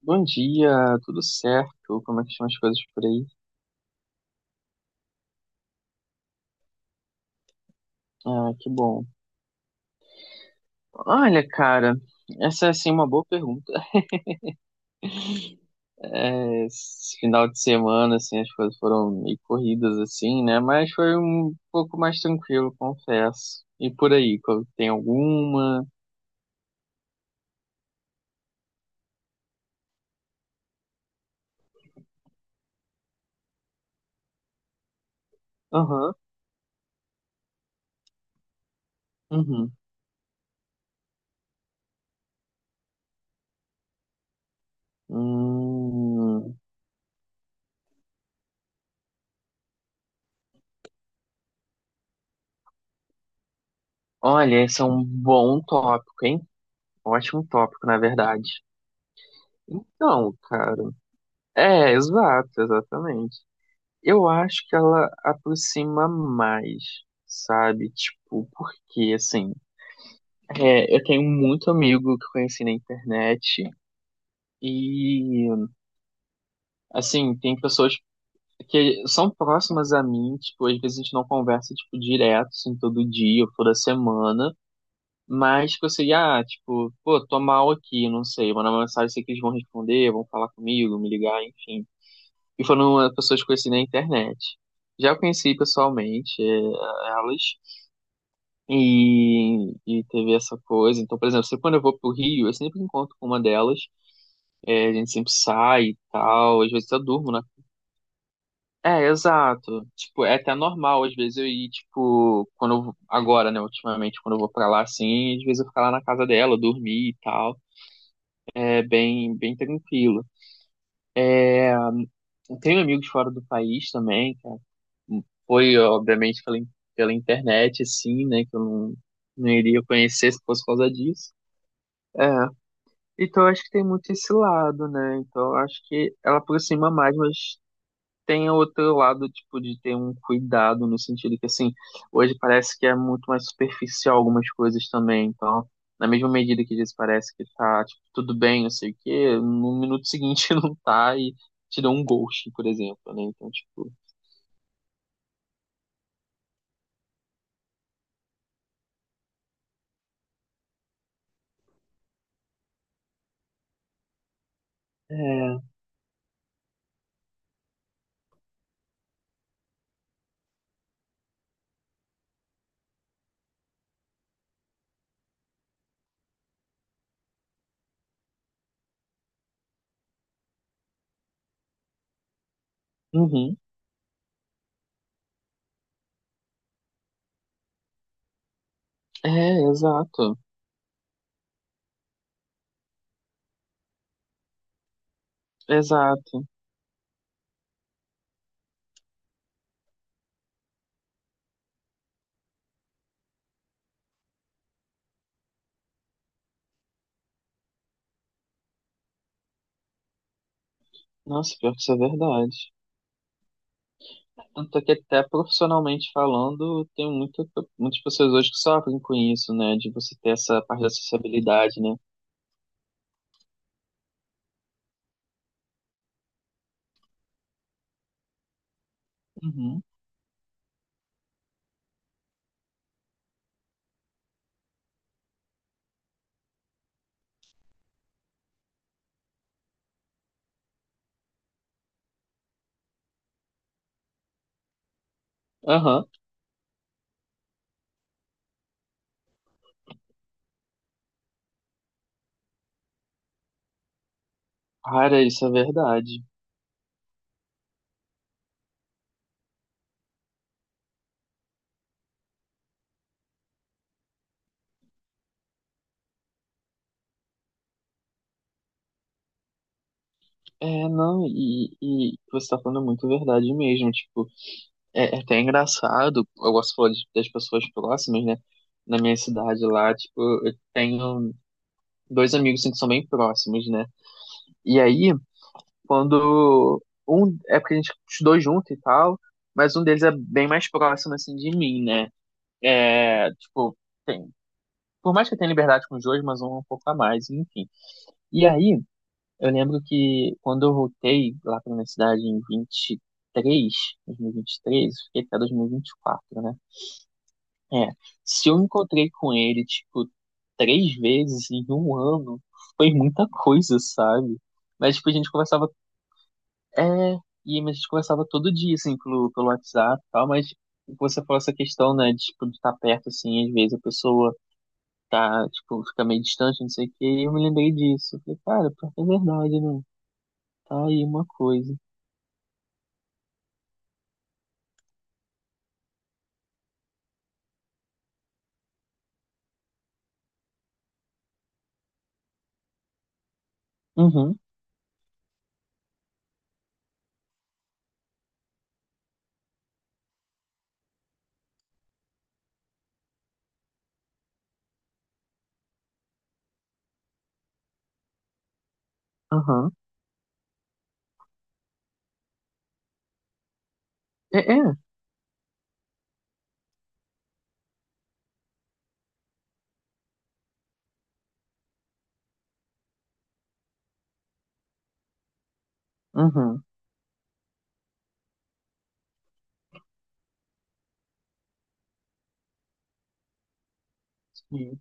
Bom dia, tudo certo? Como é que estão as coisas por aí? Ah, que bom. Olha, cara, essa é assim uma boa pergunta. Esse final de semana, assim, as coisas foram meio corridas, assim, né? Mas foi um pouco mais tranquilo, confesso. E por aí, tem alguma? Aham, uhum. Hum, olha, esse é um bom tópico, hein? Ótimo tópico, na verdade. Então, cara. É, exato, exatamente. Eu acho que ela aproxima mais, sabe? Tipo, porque, assim, eu tenho muito amigo que conheci na internet e, assim, tem pessoas que são próximas a mim, tipo, às vezes a gente não conversa, tipo, direto, assim, todo dia ou toda semana, mas que eu sei, ah, tipo, pô, tô mal aqui, não sei, mandar uma mensagem, sei que eles vão responder, vão falar comigo, me ligar, enfim. E foram pessoas que eu conheci na internet. Já conheci pessoalmente elas, E, e teve essa coisa. Então, por exemplo, sempre quando eu vou pro Rio, eu sempre encontro com uma delas. É, a gente sempre sai e tal. Às vezes eu durmo, né? É, exato. Tipo, é até normal, às vezes eu ir, tipo, quando eu, agora, né, ultimamente, quando eu vou pra lá, assim, às vezes eu ficar lá na casa dela, dormir e tal. É bem, bem tranquilo. Eu tenho amigos fora do país também, cara. Foi, obviamente, pela, pela internet, assim, né, que eu não, não iria conhecer se fosse por causa disso. É, então, eu acho que tem muito esse lado, né? Então, eu acho que ela aproxima mais, mas tem outro lado, tipo, de ter um cuidado no sentido que, assim, hoje parece que é muito mais superficial algumas coisas também. Então, na mesma medida que às vezes parece que tá, tipo, tudo bem, não sei o quê, no minuto seguinte não tá e te dá um ghost, por exemplo, né? Então, tipo, é, uhum, é, exato, exato. Nossa, pior que isso é verdade. Tanto é que até profissionalmente falando, tem muita, muitas pessoas hoje que sofrem com isso, né? De você ter essa parte da acessibilidade, né? Uhum. Aham. Cara, isso é verdade. É, não, e você tá falando muito verdade mesmo. Tipo, é, é até engraçado, eu gosto de falar das pessoas próximas, né? Na minha cidade lá, tipo, eu tenho dois amigos assim, que são bem próximos, né? E aí. Quando um. É porque a gente estudou junto e tal, mas um deles é bem mais próximo, assim, de mim, né? É, tipo, tem. Por mais que eu tenha liberdade com os dois, mas um é um pouco a mais, enfim. E aí, eu lembro que quando eu voltei lá pra universidade em 23, 2023, fiquei até 2024, né? É, se eu encontrei com ele, tipo, três vezes em um ano, foi muita coisa, sabe? Mas, tipo, a gente conversava é, e mas a gente conversava todo dia, assim, pelo, pelo WhatsApp e tal, mas você falou essa questão, né, de, tipo, de estar perto, assim, às vezes a pessoa tá, tipo, fica meio distante, não sei o quê, e eu me lembrei disso. Eu falei, cara, pior que é verdade, né? Tá aí uma coisa. Uhum, aham. É, é, uhum. Sim.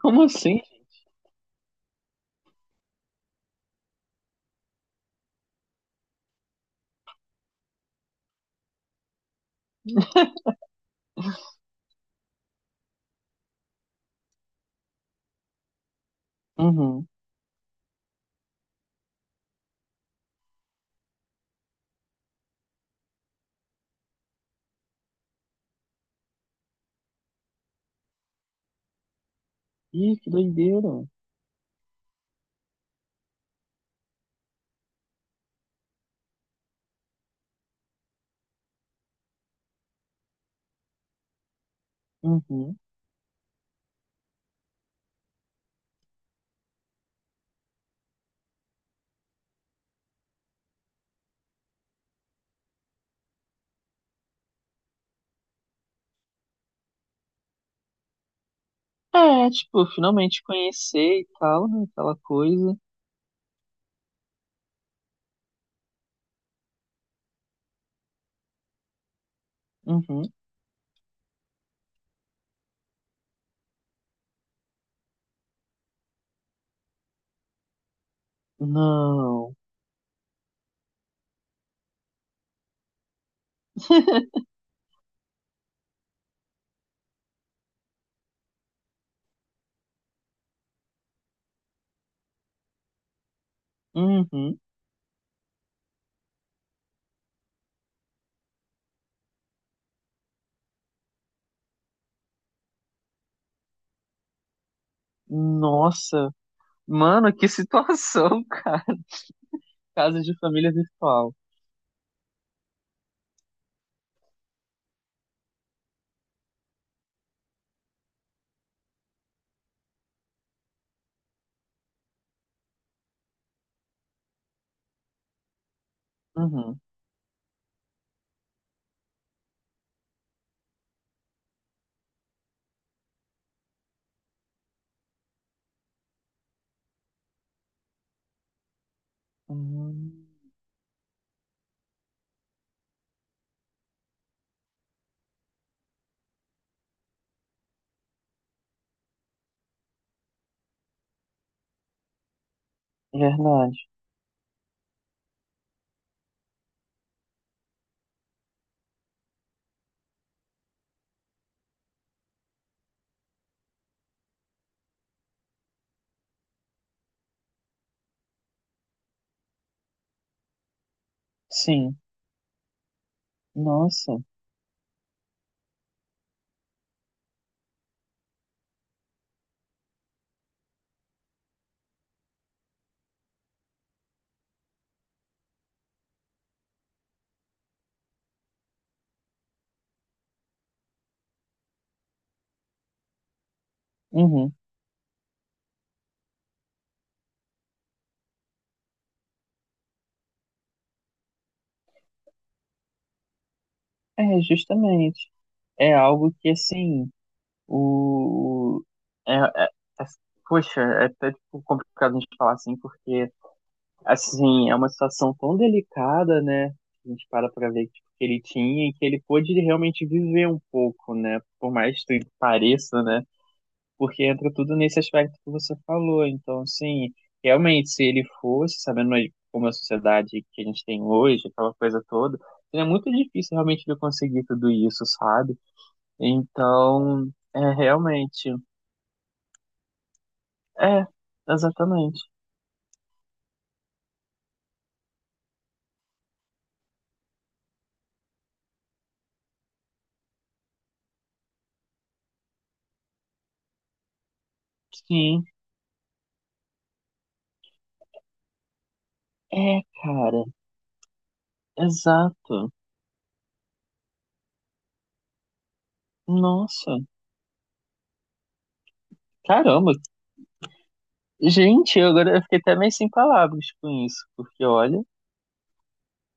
Como assim? Uhum. Ih, que doideira. Uhum. É, tipo, finalmente conhecer e tal, né, aquela coisa. Uhum. Não. Uhum. Nossa. Mano, que situação, cara. Casa de família virtual. Uhum. Hum, verdade. Sim. Nossa. Uhum. É, justamente. É algo que, assim, o... É, é- é- poxa, é até tipo, complicado a gente falar assim, porque, assim, é uma situação tão delicada, né? A gente para pra ver tipo, que ele tinha e que ele pôde realmente viver um pouco, né? Por mais que pareça, né? Porque entra tudo nesse aspecto que você falou. Então, assim, realmente, se ele fosse, sabendo aí como é a sociedade que a gente tem hoje, aquela coisa toda, é muito difícil realmente ele conseguir tudo isso, sabe? Então, é realmente. É, exatamente. Sim. É, cara. Exato. Nossa. Caramba. Gente, eu agora eu fiquei até meio sem palavras com isso, porque olha,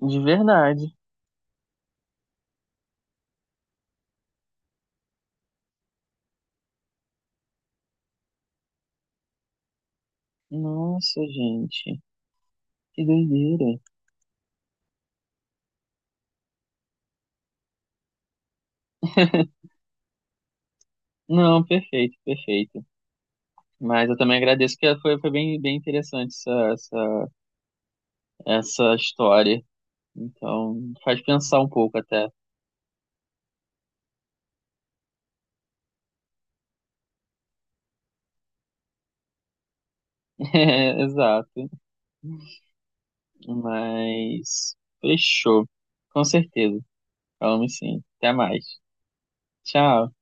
de verdade. Nossa, gente. Que doideira. Não, perfeito, perfeito. Mas eu também agradeço que foi, foi bem, bem interessante essa, essa, essa história. Então, faz pensar um pouco até. É, exato. Mas fechou. Com certeza. Falamos sim. Até mais. Tchau.